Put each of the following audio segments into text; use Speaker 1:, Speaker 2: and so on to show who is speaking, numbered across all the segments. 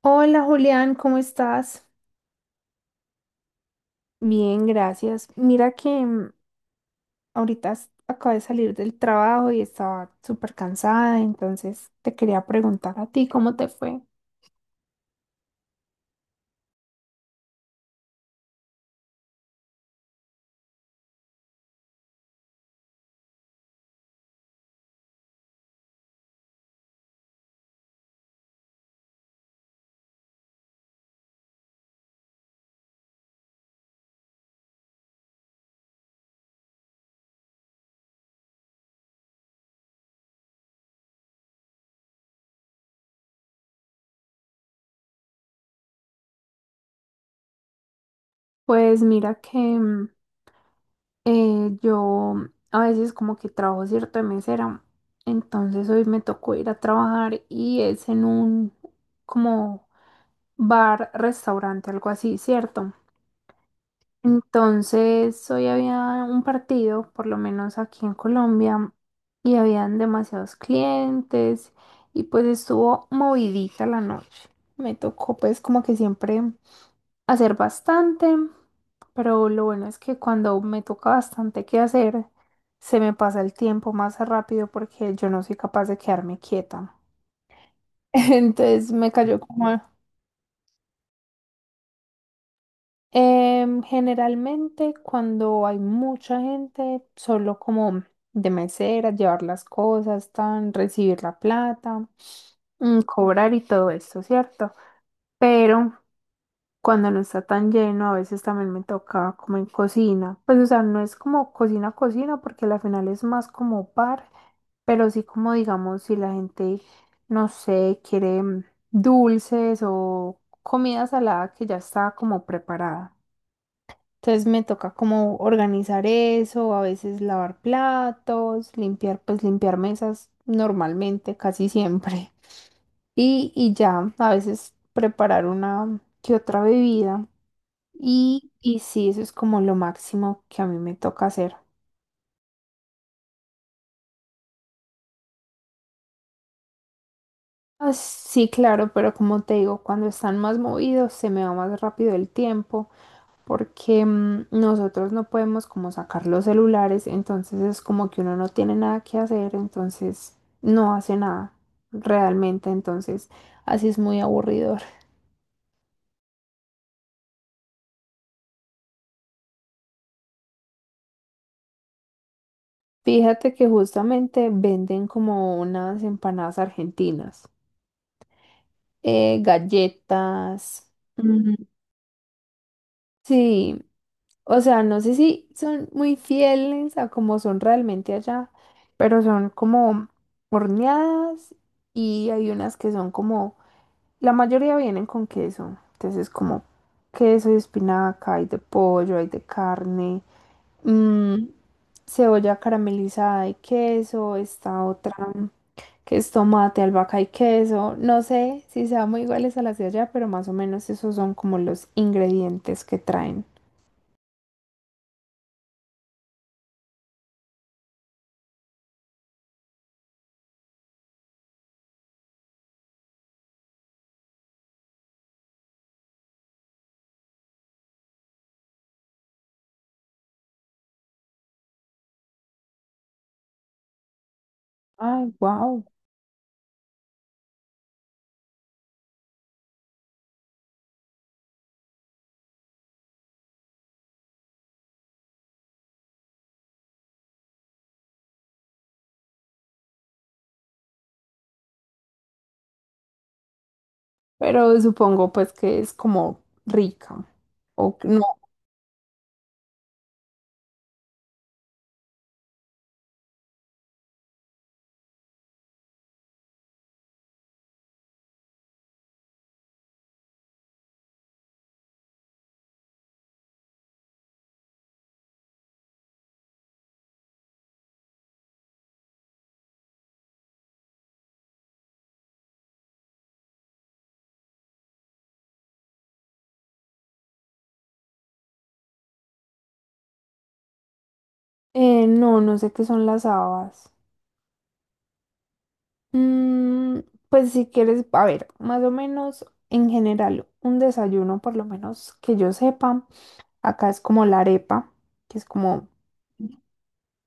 Speaker 1: Hola Julián, ¿cómo estás? Bien, gracias. Mira que ahorita acabo de salir del trabajo y estaba súper cansada, entonces te quería preguntar a ti cómo te fue. Pues mira que yo a veces como que trabajo cierto de mesera, entonces hoy me tocó ir a trabajar y es en un como bar, restaurante, algo así, ¿cierto? Entonces, hoy había un partido, por lo menos aquí en Colombia, y habían demasiados clientes y pues estuvo movidita la noche. Me tocó pues como que siempre hacer bastante, pero lo bueno es que cuando me toca bastante que hacer, se me pasa el tiempo más rápido porque yo no soy capaz de quedarme quieta. Entonces me cayó como, generalmente cuando hay mucha gente, solo como de mesera, llevar las cosas, tan, recibir la plata, cobrar y todo esto, ¿cierto? Pero cuando no está tan lleno, a veces también me toca como en cocina. Pues o sea, no es como cocina, cocina, porque al final es más como bar, pero sí como digamos, si la gente, no sé, quiere dulces o comida salada que ya está como preparada. Entonces me toca como organizar eso, a veces lavar platos, limpiar, pues limpiar mesas normalmente, casi siempre. Y, y ya, a veces preparar una que otra bebida. Y sí, eso es como lo máximo que a mí me toca hacer. Ah, sí, claro, pero como te digo, cuando están más movidos se me va más rápido el tiempo. Porque nosotros no podemos como sacar los celulares, entonces es como que uno no tiene nada que hacer, entonces no hace nada realmente, entonces así es muy aburridor. Fíjate que justamente venden como unas empanadas argentinas, galletas. mm, Sí, o sea, no sé si son muy fieles a como son realmente allá, pero son como horneadas y hay unas que son como... La mayoría vienen con queso, entonces es como queso y espinaca, hay de pollo, hay de carne, mm, cebolla caramelizada y queso, esta otra que es tomate, albahaca y queso. No sé si sean muy iguales a las de allá, pero más o menos esos son como los ingredientes que traen. Ay, wow. Pero supongo pues que es como rica. O no, no, no sé qué son las habas. Mm, pues si quieres, a ver, más o menos en general, un desayuno, por lo menos que yo sepa, acá es como la arepa, que es como,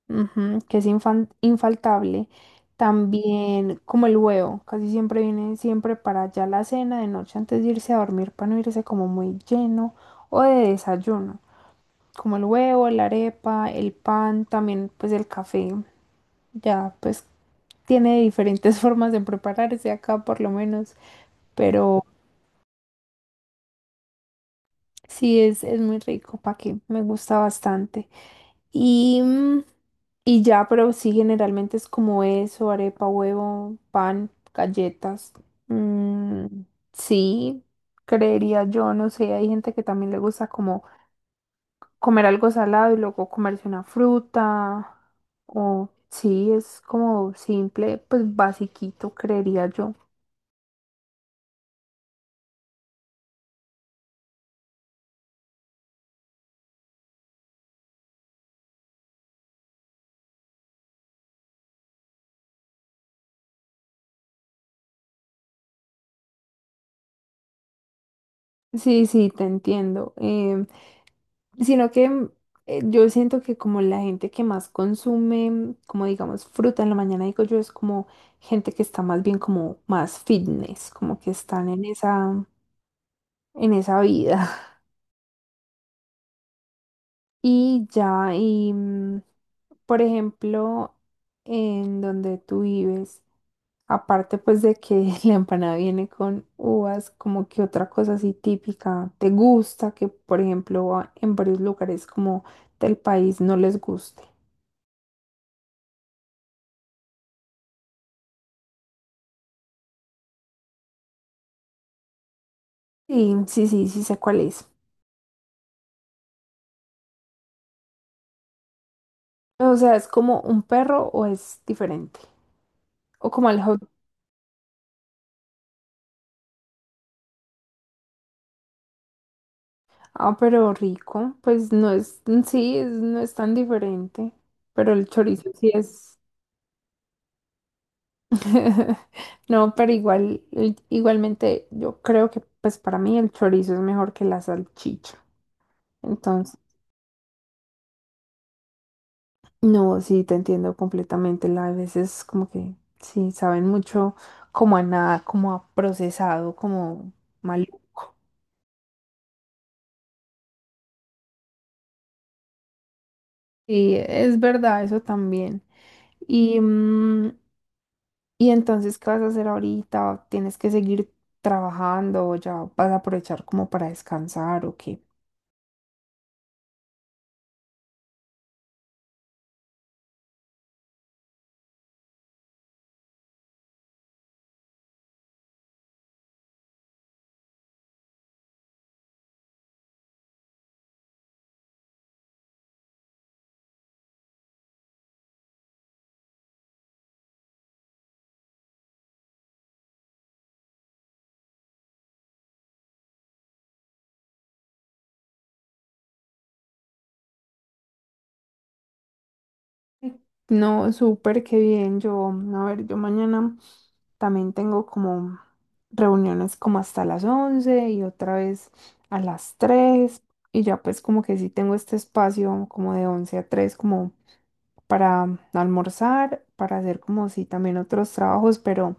Speaker 1: ujú, que es infaltable. También como el huevo, casi siempre viene siempre para ya la cena de noche antes de irse a dormir, para no irse como muy lleno, o de desayuno, como el huevo, la arepa, el pan, también pues el café, ya pues tiene diferentes formas de prepararse acá por lo menos, pero sí es muy rico, pa' qué, me gusta bastante. Y, y ya, pero sí, generalmente es como eso, arepa, huevo, pan, galletas. Mm, sí, creería yo, no sé, hay gente que también le gusta como comer algo salado y luego comerse una fruta, o sí, es como simple, pues basiquito, creería yo. Sí, sí, te entiendo. Sino que yo siento que como la gente que más consume, como digamos, fruta en la mañana, digo yo, es como gente que está más bien como más fitness, como que están en esa vida. Y ya, y por ejemplo, en donde tú vives, aparte pues de que la empanada viene con uvas, como que otra cosa así típica, ¿te gusta que, por ejemplo, en varios lugares como del país no les guste? Sí, sí, sí, sí sé cuál es. O sea, ¿es como un perro o es diferente? O como el hot. Ah, pero rico. Pues no es, sí, no es tan diferente. Pero el chorizo sí es. No, pero igual, igualmente yo creo que pues para mí el chorizo es mejor que la salchicha. Entonces, no, sí, te entiendo completamente. La, a veces como que sí, saben mucho como a nada, como a procesado, como maluco. Sí, es verdad, eso también. Y, y entonces, ¿qué vas a hacer ahorita? ¿Tienes que seguir trabajando o ya vas a aprovechar como para descansar o qué? Sí. No, súper, qué bien. Yo, a ver, yo mañana también tengo como reuniones como hasta las 11 y otra vez a las 3 y ya pues como que sí tengo este espacio como de 11 a 3 como para almorzar, para hacer como sí también otros trabajos, pero...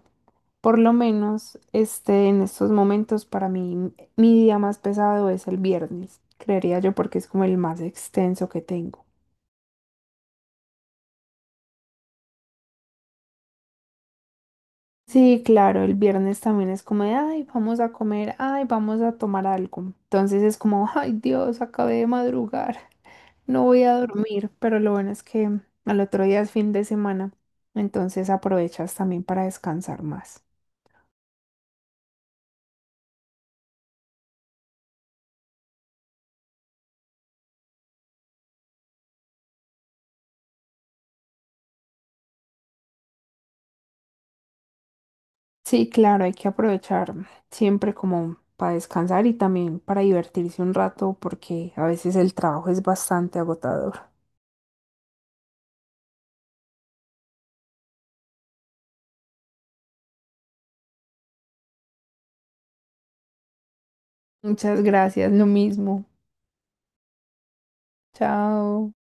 Speaker 1: Por lo menos, este, en estos momentos para mí, mi día más pesado es el viernes, creería yo, porque es como el más extenso que tengo. Sí, claro, el viernes también es como de, ay, vamos a comer, ay, vamos a tomar algo. Entonces es como, ay, Dios, acabé de madrugar, no voy a dormir, pero lo bueno es que al otro día es fin de semana, entonces aprovechas también para descansar más. Sí, claro, hay que aprovechar siempre como para descansar y también para divertirse un rato porque a veces el trabajo es bastante agotador. Muchas gracias, lo mismo. Chao.